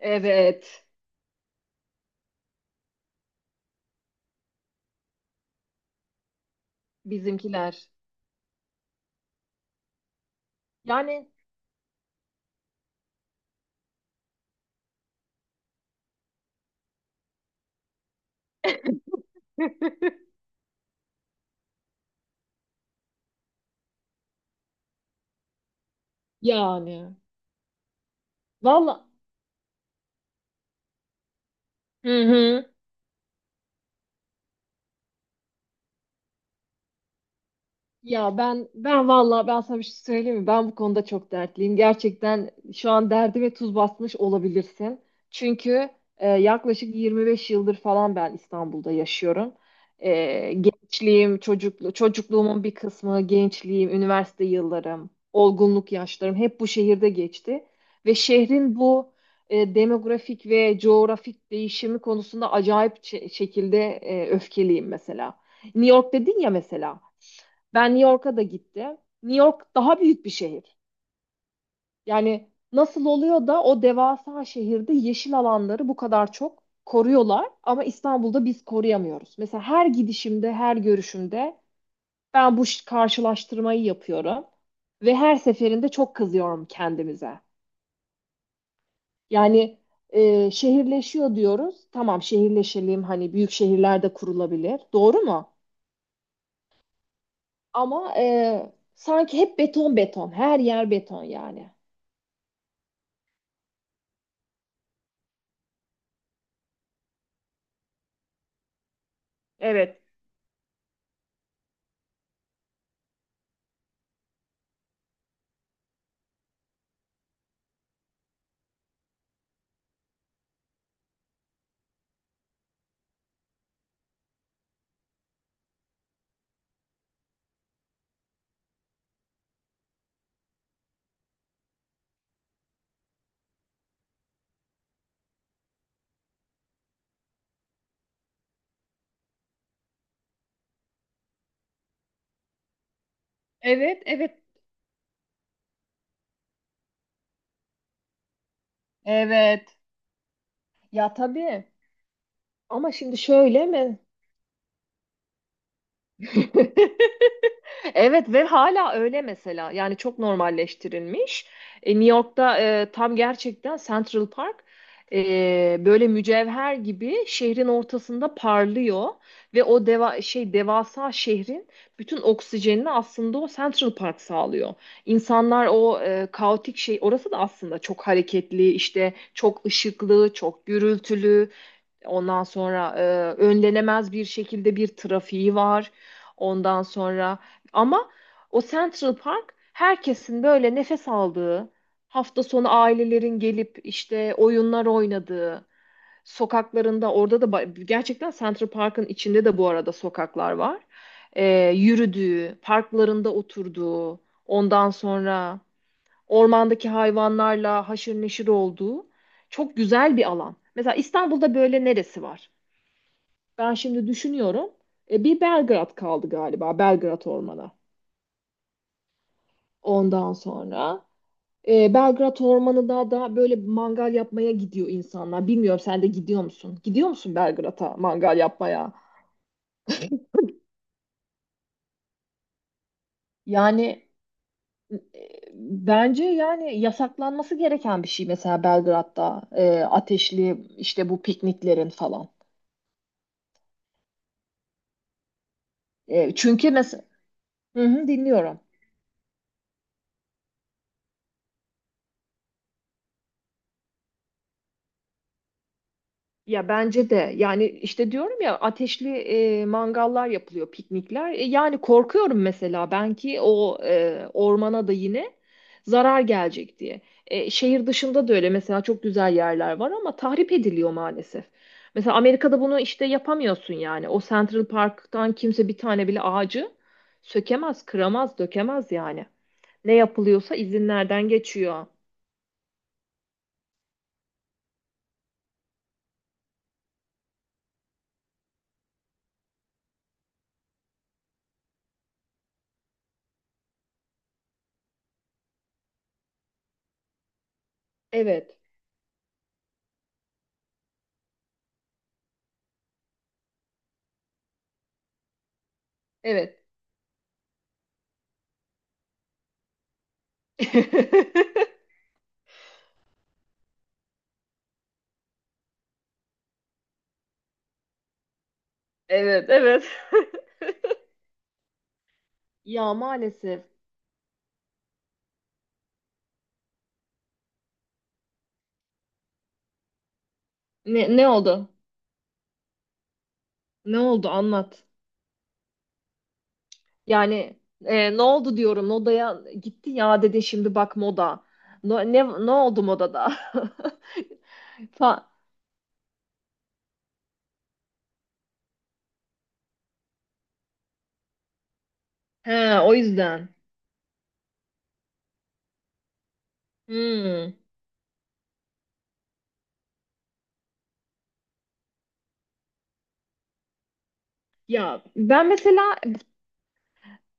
Evet. Bizimkiler. Yani yani. Valla. Hı hı. Ya ben vallahi ben sana bir şey söyleyeyim mi? Ben bu konuda çok dertliyim. Gerçekten şu an derdime tuz basmış olabilirsin. Çünkü yaklaşık 25 yıldır falan ben İstanbul'da yaşıyorum. Gençliğim, çocukluğumun bir kısmı, gençliğim, üniversite yıllarım, olgunluk yaşlarım hep bu şehirde geçti. Ve şehrin bu demografik ve coğrafik değişimi konusunda acayip şekilde öfkeliyim mesela. New York dedin ya mesela. Ben New York'a da gittim. New York daha büyük bir şehir. Yani nasıl oluyor da o devasa şehirde yeşil alanları bu kadar çok koruyorlar ama İstanbul'da biz koruyamıyoruz. Mesela her gidişimde, her görüşümde ben karşılaştırmayı yapıyorum ve her seferinde çok kızıyorum kendimize. Yani şehirleşiyor diyoruz. Tamam şehirleşelim hani büyük şehirlerde kurulabilir. Doğru mu? Ama sanki hep beton beton, her yer beton yani. Evet. Evet, evet. Evet. Ya tabii. Ama şimdi şöyle mi? Evet ve hala öyle mesela. Yani çok normalleştirilmiş. New York'ta tam gerçekten Central Park böyle mücevher gibi şehrin ortasında parlıyor ve o devasa şehrin bütün oksijenini aslında o Central Park sağlıyor. İnsanlar o e, kaotik şey orası da aslında çok hareketli, işte çok ışıklı, çok gürültülü. Ondan sonra önlenemez bir şekilde bir trafiği var. Ondan sonra ama o Central Park herkesin böyle nefes aldığı, hafta sonu ailelerin gelip işte oyunlar oynadığı, sokaklarında orada da gerçekten Central Park'ın içinde de bu arada sokaklar var. Yürüdüğü, parklarında oturduğu, ondan sonra ormandaki hayvanlarla haşır neşir olduğu çok güzel bir alan. Mesela İstanbul'da böyle neresi var? Ben şimdi düşünüyorum. Bir Belgrad kaldı galiba. Belgrad Ormanı. Ondan sonra Belgrad Ormanı'nda da böyle mangal yapmaya gidiyor insanlar. Bilmiyorum sen de gidiyor musun? Gidiyor musun Belgrad'a mangal yapmaya? Yani e, bence yani yasaklanması gereken bir şey mesela Belgrad'da ateşli işte bu pikniklerin falan. Çünkü mesela hı hı, dinliyorum. Ya bence de yani işte diyorum ya ateşli mangallar yapılıyor piknikler. Yani korkuyorum mesela ben ki o ormana da yine zarar gelecek diye. Şehir dışında da öyle mesela çok güzel yerler var ama tahrip ediliyor maalesef. Mesela Amerika'da bunu işte yapamıyorsun yani. O Central Park'tan kimse bir tane bile ağacı sökemez, kıramaz, dökemez yani. Ne yapılıyorsa izinlerden geçiyor. Evet, evet. Evet, evet. Ya maalesef. Ne oldu? Ne oldu? Anlat. Yani ne oldu diyorum. Modaya gitti ya dedi şimdi bak moda. Ne oldu modada? Fa- He, o yüzden. Hmm. Ya ben mesela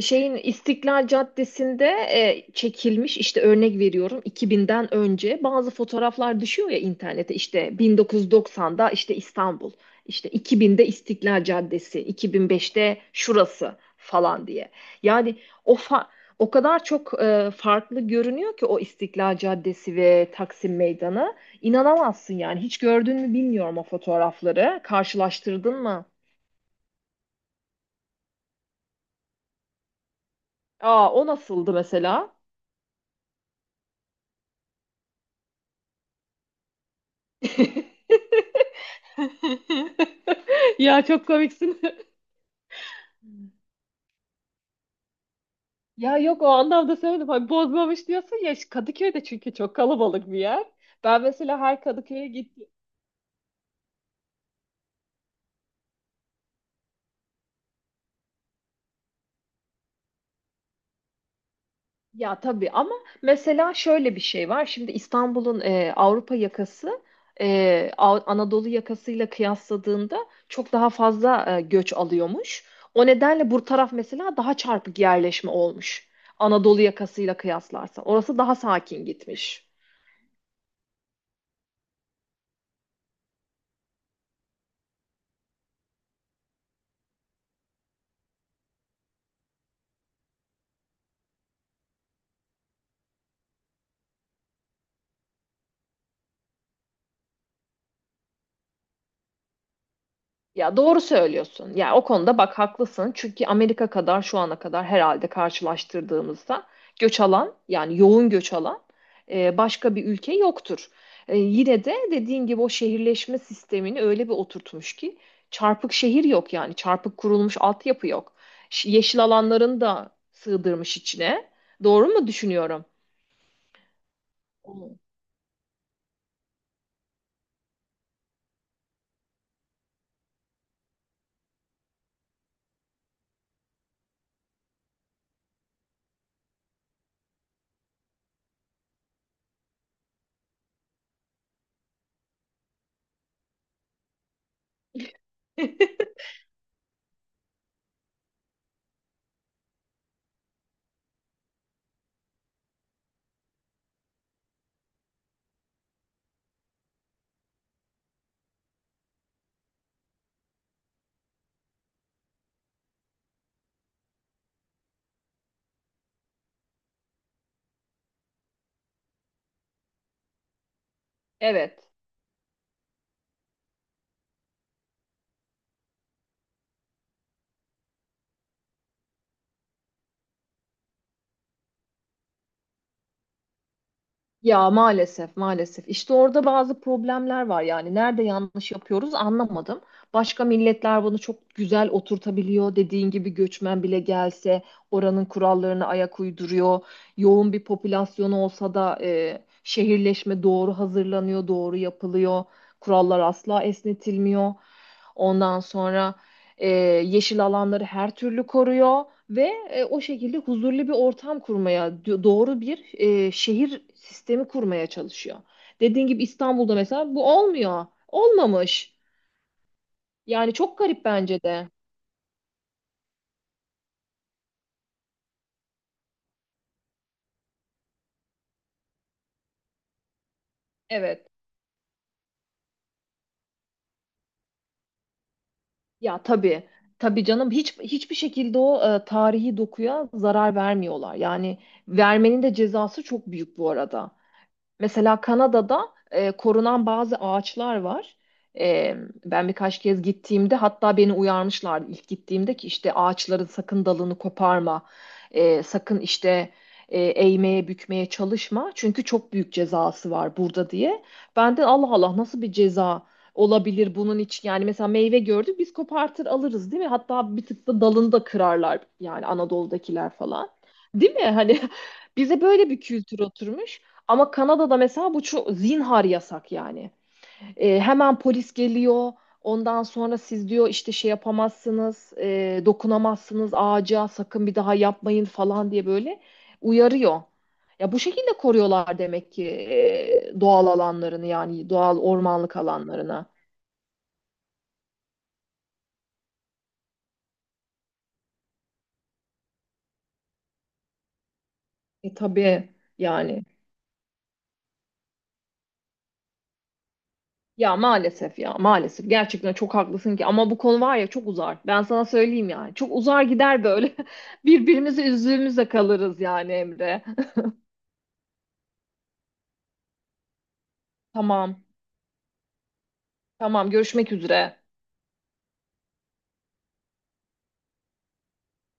şeyin İstiklal Caddesi'nde çekilmiş işte örnek veriyorum 2000'den önce bazı fotoğraflar düşüyor ya internete işte 1990'da işte İstanbul işte 2000'de İstiklal Caddesi 2005'te şurası falan diye. Yani o fa- o kadar çok farklı görünüyor ki o İstiklal Caddesi ve Taksim Meydanı. İnanamazsın yani. Hiç gördün mü bilmiyorum o fotoğrafları. Karşılaştırdın mı? Aa o nasıldı mesela? Ya çok komiksin. Ya yok o anlamda söyledim. Hani bozmamış diyorsun ya işte Kadıköy'de çünkü çok kalabalık bir yer. Ben mesela her Kadıköy'e gittim. Ya tabii ama mesela şöyle bir şey var. Şimdi İstanbul'un Avrupa yakası Anadolu yakasıyla kıyasladığında çok daha fazla göç alıyormuş. O nedenle bu taraf mesela daha çarpık yerleşme olmuş. Anadolu yakasıyla kıyaslarsa. Orası daha sakin gitmiş. Ya doğru söylüyorsun. Ya o konuda bak haklısın. Çünkü Amerika kadar şu ana kadar herhalde karşılaştırdığımızda göç alan yani yoğun göç alan başka bir ülke yoktur. Yine de dediğin gibi o şehirleşme sistemini öyle bir oturtmuş ki çarpık şehir yok yani çarpık kurulmuş altyapı yok. Yeşil alanların da sığdırmış içine. Doğru mu düşünüyorum? Hmm. Evet. Ya maalesef maalesef işte orada bazı problemler var yani nerede yanlış yapıyoruz anlamadım. Başka milletler bunu çok güzel oturtabiliyor. Dediğin gibi göçmen bile gelse oranın kurallarına ayak uyduruyor. Yoğun bir popülasyonu olsa da şehirleşme doğru hazırlanıyor, doğru yapılıyor. Kurallar asla esnetilmiyor. Ondan sonra e, yeşil alanları her türlü koruyor ve o şekilde huzurlu bir ortam kurmaya, doğru bir şehir sistemi kurmaya çalışıyor. Dediğin gibi İstanbul'da mesela bu olmuyor. Olmamış. Yani çok garip bence de. Evet. Ya tabii. Tabii canım hiç hiçbir şekilde o tarihi dokuya zarar vermiyorlar. Yani vermenin de cezası çok büyük bu arada. Mesela Kanada'da korunan bazı ağaçlar var. E, Ben birkaç kez gittiğimde hatta beni uyarmışlardı ilk gittiğimde ki işte ağaçların sakın dalını koparma, sakın işte eğmeye bükmeye çalışma çünkü çok büyük cezası var burada diye. Ben de Allah Allah nasıl bir ceza olabilir bunun için yani mesela meyve gördük biz kopartır alırız değil mi? Hatta bir tık da dalını da kırarlar yani Anadolu'dakiler falan. Değil mi? Hani bize böyle bir kültür oturmuş. Ama Kanada'da mesela bu çok zinhar yasak yani. Hemen polis geliyor. Ondan sonra siz diyor işte şey yapamazsınız, dokunamazsınız ağaca, sakın bir daha yapmayın falan diye böyle uyarıyor. Ya bu şekilde koruyorlar demek ki doğal alanlarını yani doğal ormanlık alanlarını. E tabii yani. Ya maalesef ya maalesef gerçekten çok haklısın ki ama bu konu var ya çok uzar. Ben sana söyleyeyim yani. Çok uzar gider böyle. Birbirimizi üzdüğümüzde kalırız yani Emre. Tamam. Tamam görüşmek üzere.